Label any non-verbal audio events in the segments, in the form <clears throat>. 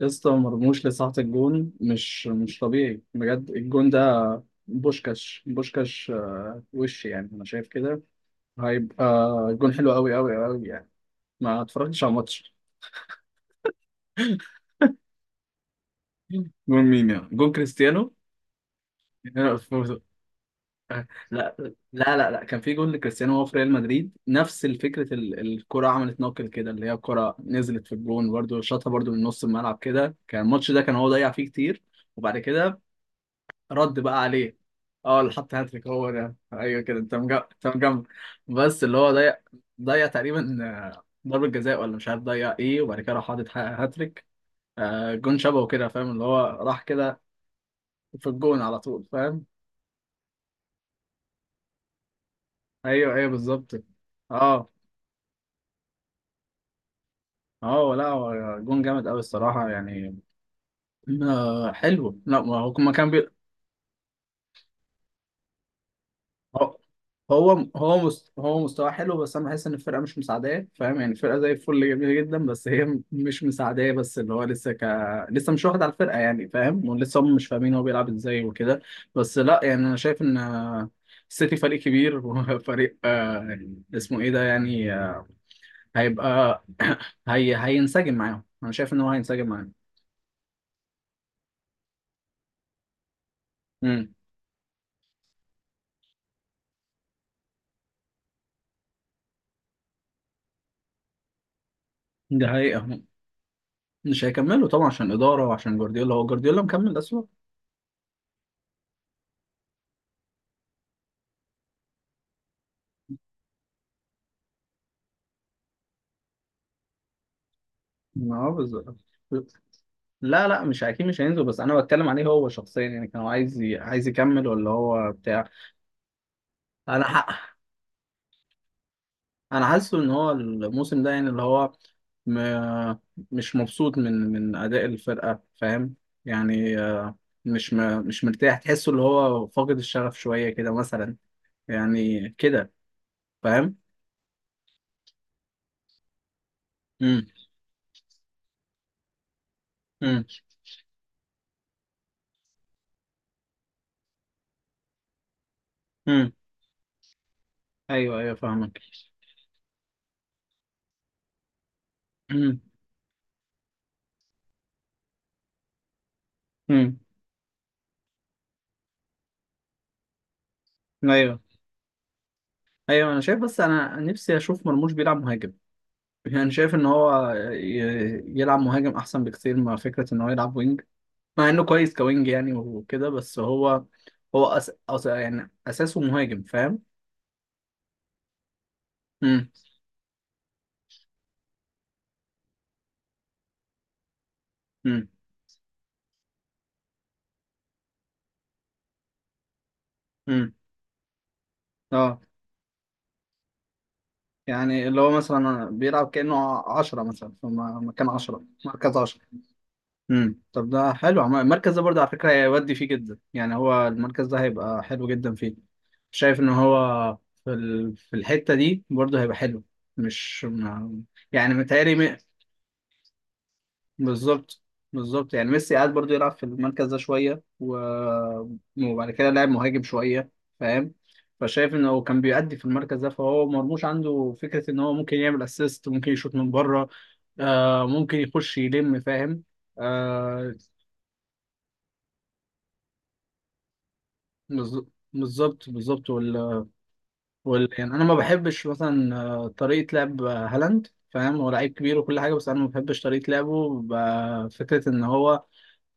يا اسطى مرموش لساعة الجون مش طبيعي بجد. الجون ده بوشكاش، بوشكاش وش يعني، انا شايف كده هيبقى جون حلو قوي قوي قوي يعني. ما اتفرجتش على الماتش. جون مين؟ يعني جون كريستيانو؟ <laughs> لا لا لا لا، كان في جون لكريستيانو وهو في ريال مدريد نفس الفكرة، الكرة عملت نوكل كده، اللي هي الكرة نزلت في الجون برده شاطها برده من نص الملعب كده. كان الماتش ده كان هو ضيع فيه كتير وبعد كده رد بقى عليه. اه، اللي حط هاتريك هو ده، ايوه كده انت مجمع، انت مجمع. بس اللي هو ضيع، ضيع تقريبا، ضربة جزاء، ولا مش عارف ضيع ايه، وبعد كده راح حاطط هاتريك. جون شبهه كده، فاهم؟ اللي هو راح كده في الجون على طول، فاهم؟ ايوه ايوه بالظبط. اه اه لا هو جون جامد قوي الصراحة يعني. حلو. لا ما هو ما كان. هو هو هو مستواه حلو بس انا بحس ان الفرقه مش مساعداه، فاهم؟ يعني الفرقه زي الفل، جميله جدا، بس هي مش مساعداه، بس اللي هو لسه لسه مش واخد على الفرقه، يعني فاهم؟ ولسه هم مش فاهمين هو بيلعب ازاي وكده. بس لا يعني انا شايف ان السيتي فريق كبير <laughs> وفريق اسمه ايه ده، يعني هيبقى <coughs> <clears throat> هينسجم معاهم، انا شايف ان هو هينسجم معاهم. امم ده حقيقه. مش هيكملوا طبعا عشان الاداره وعشان جوارديولا. هو جوارديولا مكمل اسوء. اه بالظبط. لا لا مش اكيد مش هينزل، بس انا بتكلم عليه هو شخصيا، يعني كان هو عايز عايز يكمل ولا هو بتاع. انا ح... انا حاسه ان هو الموسم ده يعني اللي هو م... مش مبسوط من اداء الفرقه، فاهم؟ يعني مش مش مرتاح، تحسه اللي هو فاقد الشغف شويه كده مثلا. يعني كده، فاهم؟ امم. امم. امم. ايوه ايوه فاهمك. امم. امم. ايوه ايوه انا شايف، بس انا نفسي اشوف مرموش بيلعب مهاجم. يعني شايف ان هو يلعب مهاجم احسن بكتير، مع فكره ان هو يلعب وينج، مع انه كويس كوينج يعني وكده، بس هو هو يعني اساسه مهاجم، فاهم؟ امم. امم. امم. اه، يعني اللي هو مثلا بيلعب كانه عشرة، مثلا في مكان عشرة، مركز عشرة. امم. طب ده حلو، المركز ده برضه على فكره هيودي فيه جدا، يعني هو المركز ده هيبقى حلو جدا فيه. شايف ان هو في الحته دي برضه هيبقى حلو. مش ما- يعني متهيألي. بالظبط، بالظبط، يعني ميسي قعد برضو يلعب في المركز ده شويه وبعد كده لعب مهاجم شويه، فاهم؟ فشايف ان هو كان بيأدي في المركز ده، فهو مرموش عنده فكره ان هو ممكن يعمل اسيست، ممكن يشوط من بره، آه ممكن يخش يلم، فاهم؟ آه. بالظ- بالظبط، بالظبط، يعني انا ما بحبش مثلا طريقه لعب هالاند، فاهم؟ هو لعيب كبير وكل حاجه، بس انا ما بحبش طريقه لعبه، فكره ان هو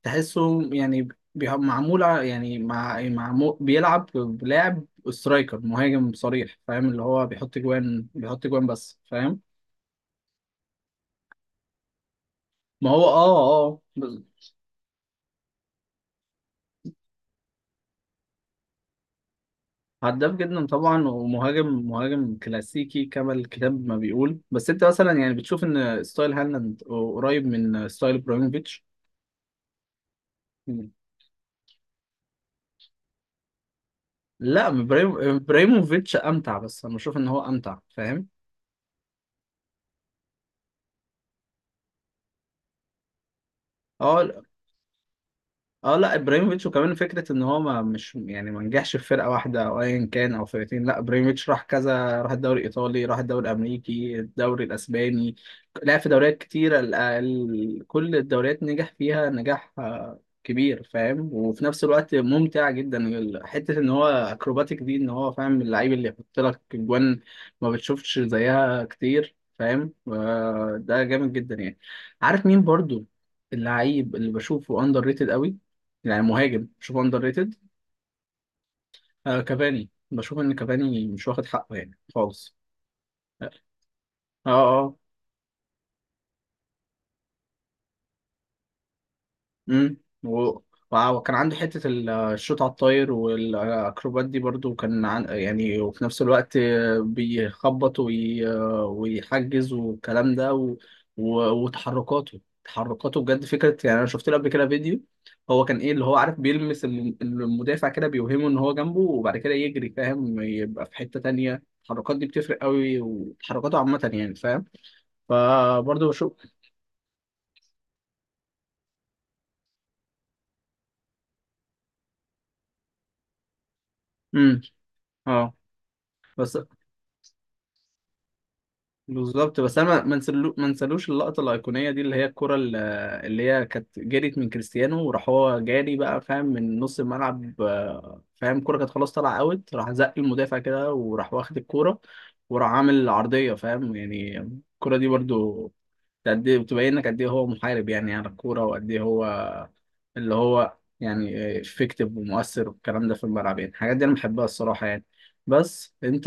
تحسه يعني معمول يعني معمول بيلعب بلاعب سترايكر، مهاجم صريح، فاهم؟ اللي هو بيحط جوان، بيحط جوان بس، فاهم؟ ما هو اه هداف جدا طبعا، ومهاجم، مهاجم كلاسيكي كما الكتاب ما بيقول. بس انت مثلا يعني بتشوف ان ستايل هالاند قريب من ستايل ابراهيموفيتش. لا ابراهيموفيتش امتع، بس انا بشوف ان هو امتع، فاهم؟ اه، اه لا ابراهيموفيتش، وكمان فكره ان هو ما مش يعني ما نجحش في فرقه واحده او ايا كان او فرقتين. لا، ابراهيموفيتش راح كذا، راح الدوري الايطالي، راح الدوري الامريكي، الدوري الاسباني، لعب في دوريات كتيره، كل الدوريات نجح فيها نجاح كبير، فاهم؟ وفي نفس الوقت ممتع جدا، حته ان هو اكروباتيك دي، ان هو فاهم، اللعيب اللي يحط لك جوان ما بتشوفش زيها كتير، فاهم؟ ده جامد جدا يعني. عارف مين برضو؟ اللعيب اللي بشوفه اندر ريتد قوي، يعني مهاجم بشوفه اندر ريتد، آه كافاني. بشوف ان كافاني مش واخد حقه يعني خالص. اه. امم. و... وكان عنده حتة الشوط على الطاير والأكروبات دي برضو، كان يعني، وفي نفس الوقت بيخبط ويحجز والكلام ده، وتحركاته، تحركاته بجد فكرة. يعني أنا شفت له قبل كده فيديو، هو كان إيه اللي هو عارف بيلمس المدافع كده، بيوهمه إن هو جنبه، وبعد كده يجري، فاهم؟ يبقى في حتة تانية. التحركات دي بتفرق قوي، وتحركاته عامة يعني، فاهم؟ فبرضه بشوف. امم. اه، بس بالظبط، بس انا ما نسلوش اللقطه الايقونيه دي، اللي هي اللي هي كانت جريت من كريستيانو وراح هو جاري بقى، فاهم؟ من نص الملعب، فاهم الكره كانت خلاص طالعه اوت، راح زق المدافع كده، وراح واخد الكوره، وراح عامل عرضيه، فاهم يعني؟ الكره دي برضو قد ايه بتبينك قد ايه هو محارب يعني على الكوره، وقد ايه هو اللي هو يعني افكتيف ومؤثر والكلام ده في الملعب، يعني الحاجات دي انا بحبها الصراحه يعني. بس انت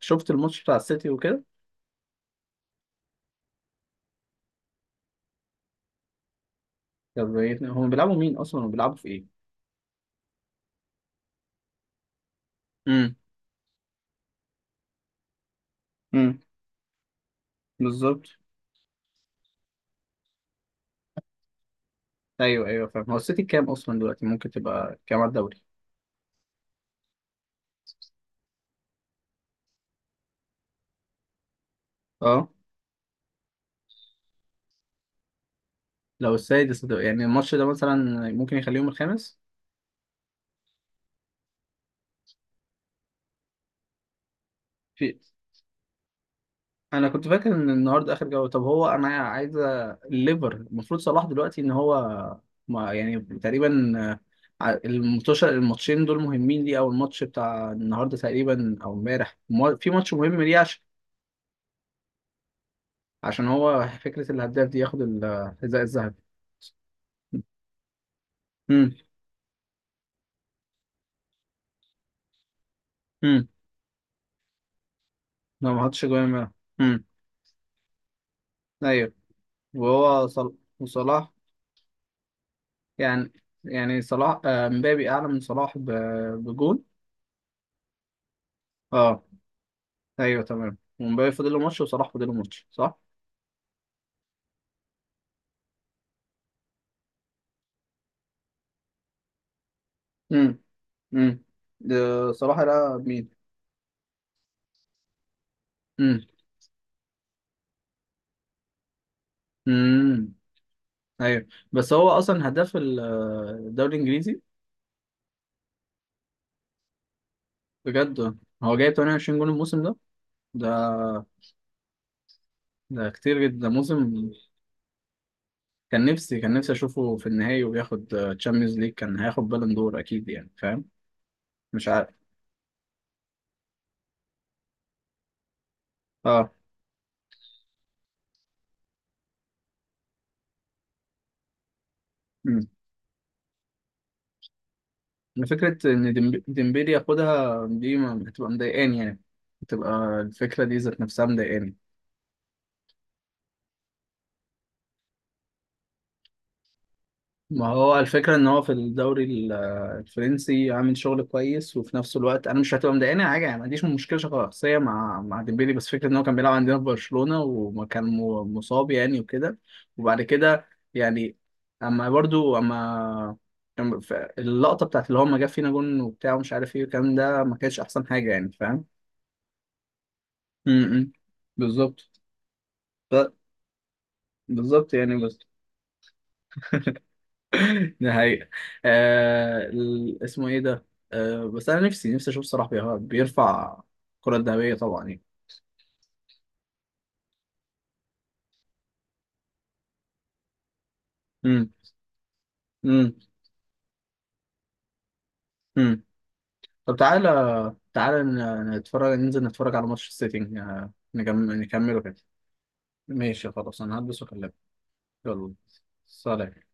شفت الماتش بتاع السيتي وكده؟ طب ايه؟ هم بيلعبوا مين اصلا، وبيلعبوا في ايه؟ امم. امم. بالظبط. ايوه ايوه فاهم. هو السيتي كام اصلا دلوقتي؟ ممكن تبقى كام على الدوري؟ اه، لو السادس هتبقى. يعني الماتش ده مثلا ممكن يخليهم الخامس؟ في. انا كنت فاكر ان النهارده اخر جوله. طب هو انا عايز الليفر، المفروض صلاح دلوقتي ان هو ما يعني تقريبا، الماتش، الماتشين دول مهمين ليه؟ او الماتش بتاع النهارده تقريبا، او امبارح، في ماتش مهم ليه؟ عشان، عشان هو فكره الهداف دي، ياخد الحذاء الذهبي. امم. امم. لو ما حطش جوان منها. امم. ايوه. وهو صل... وصلاح يعني، يعني صلاح، مبابي اعلى من صلاح بجون. اه. ايوه تمام، ومبابي فاضل له ماتش، وصلاح فاضل له ماتش، صح؟ امم. امم. ده صلاح ده مين؟ امم. امم. ايوه. بس هو اصلا هداف الدوري الانجليزي؟ بجد؟ هو جايب 28 جون الموسم ده؟ ده، ده كتير جدا، ده موسم. كان نفسي، كان نفسي اشوفه في النهائي وبياخد تشامبيونز ليج، كان هياخد بالون دور اكيد يعني، فاهم؟ مش عارف. اه. امم. فكره ان ديمبلي ياخدها دي هتبقى مضايقاني يعني، هتبقى الفكره دي ذات نفسها مضايقاني. ما هو الفكرة إن هو في الفرنسي عامل شغل كويس، وفي نفس الوقت أنا مش هتبقى مضايقاني حاجة يعني. ما عنديش مشكلة شخصية مع، مع ديمبلي، بس فكرة إن هو كان بيلعب عندنا في برشلونة وكان مصاب يعني وكده، وبعد كده يعني، أما برضو، أما، أما اللقطة بتاعت اللي هو ما جاب فينا جون وبتاع ومش عارف إيه والكلام ده، ما كانتش أحسن حاجة يعني، فاهم؟ م- م. بالظبط. ف- بالظبط يعني، بس <laughs> ده حقيقة. اسمه ايه ده؟ بس انا نفسي، نفسي اشوف صلاح بيرفع الكرة الذهبية طبعا يعني. امم. امم. امم. طب تعالى، تعالى نتفرج، ننزل نتفرج على ماتش السيتي، نكمل، نكمله كده. ماشي خلاص، انا هلبس واكلمك. يلا سلام.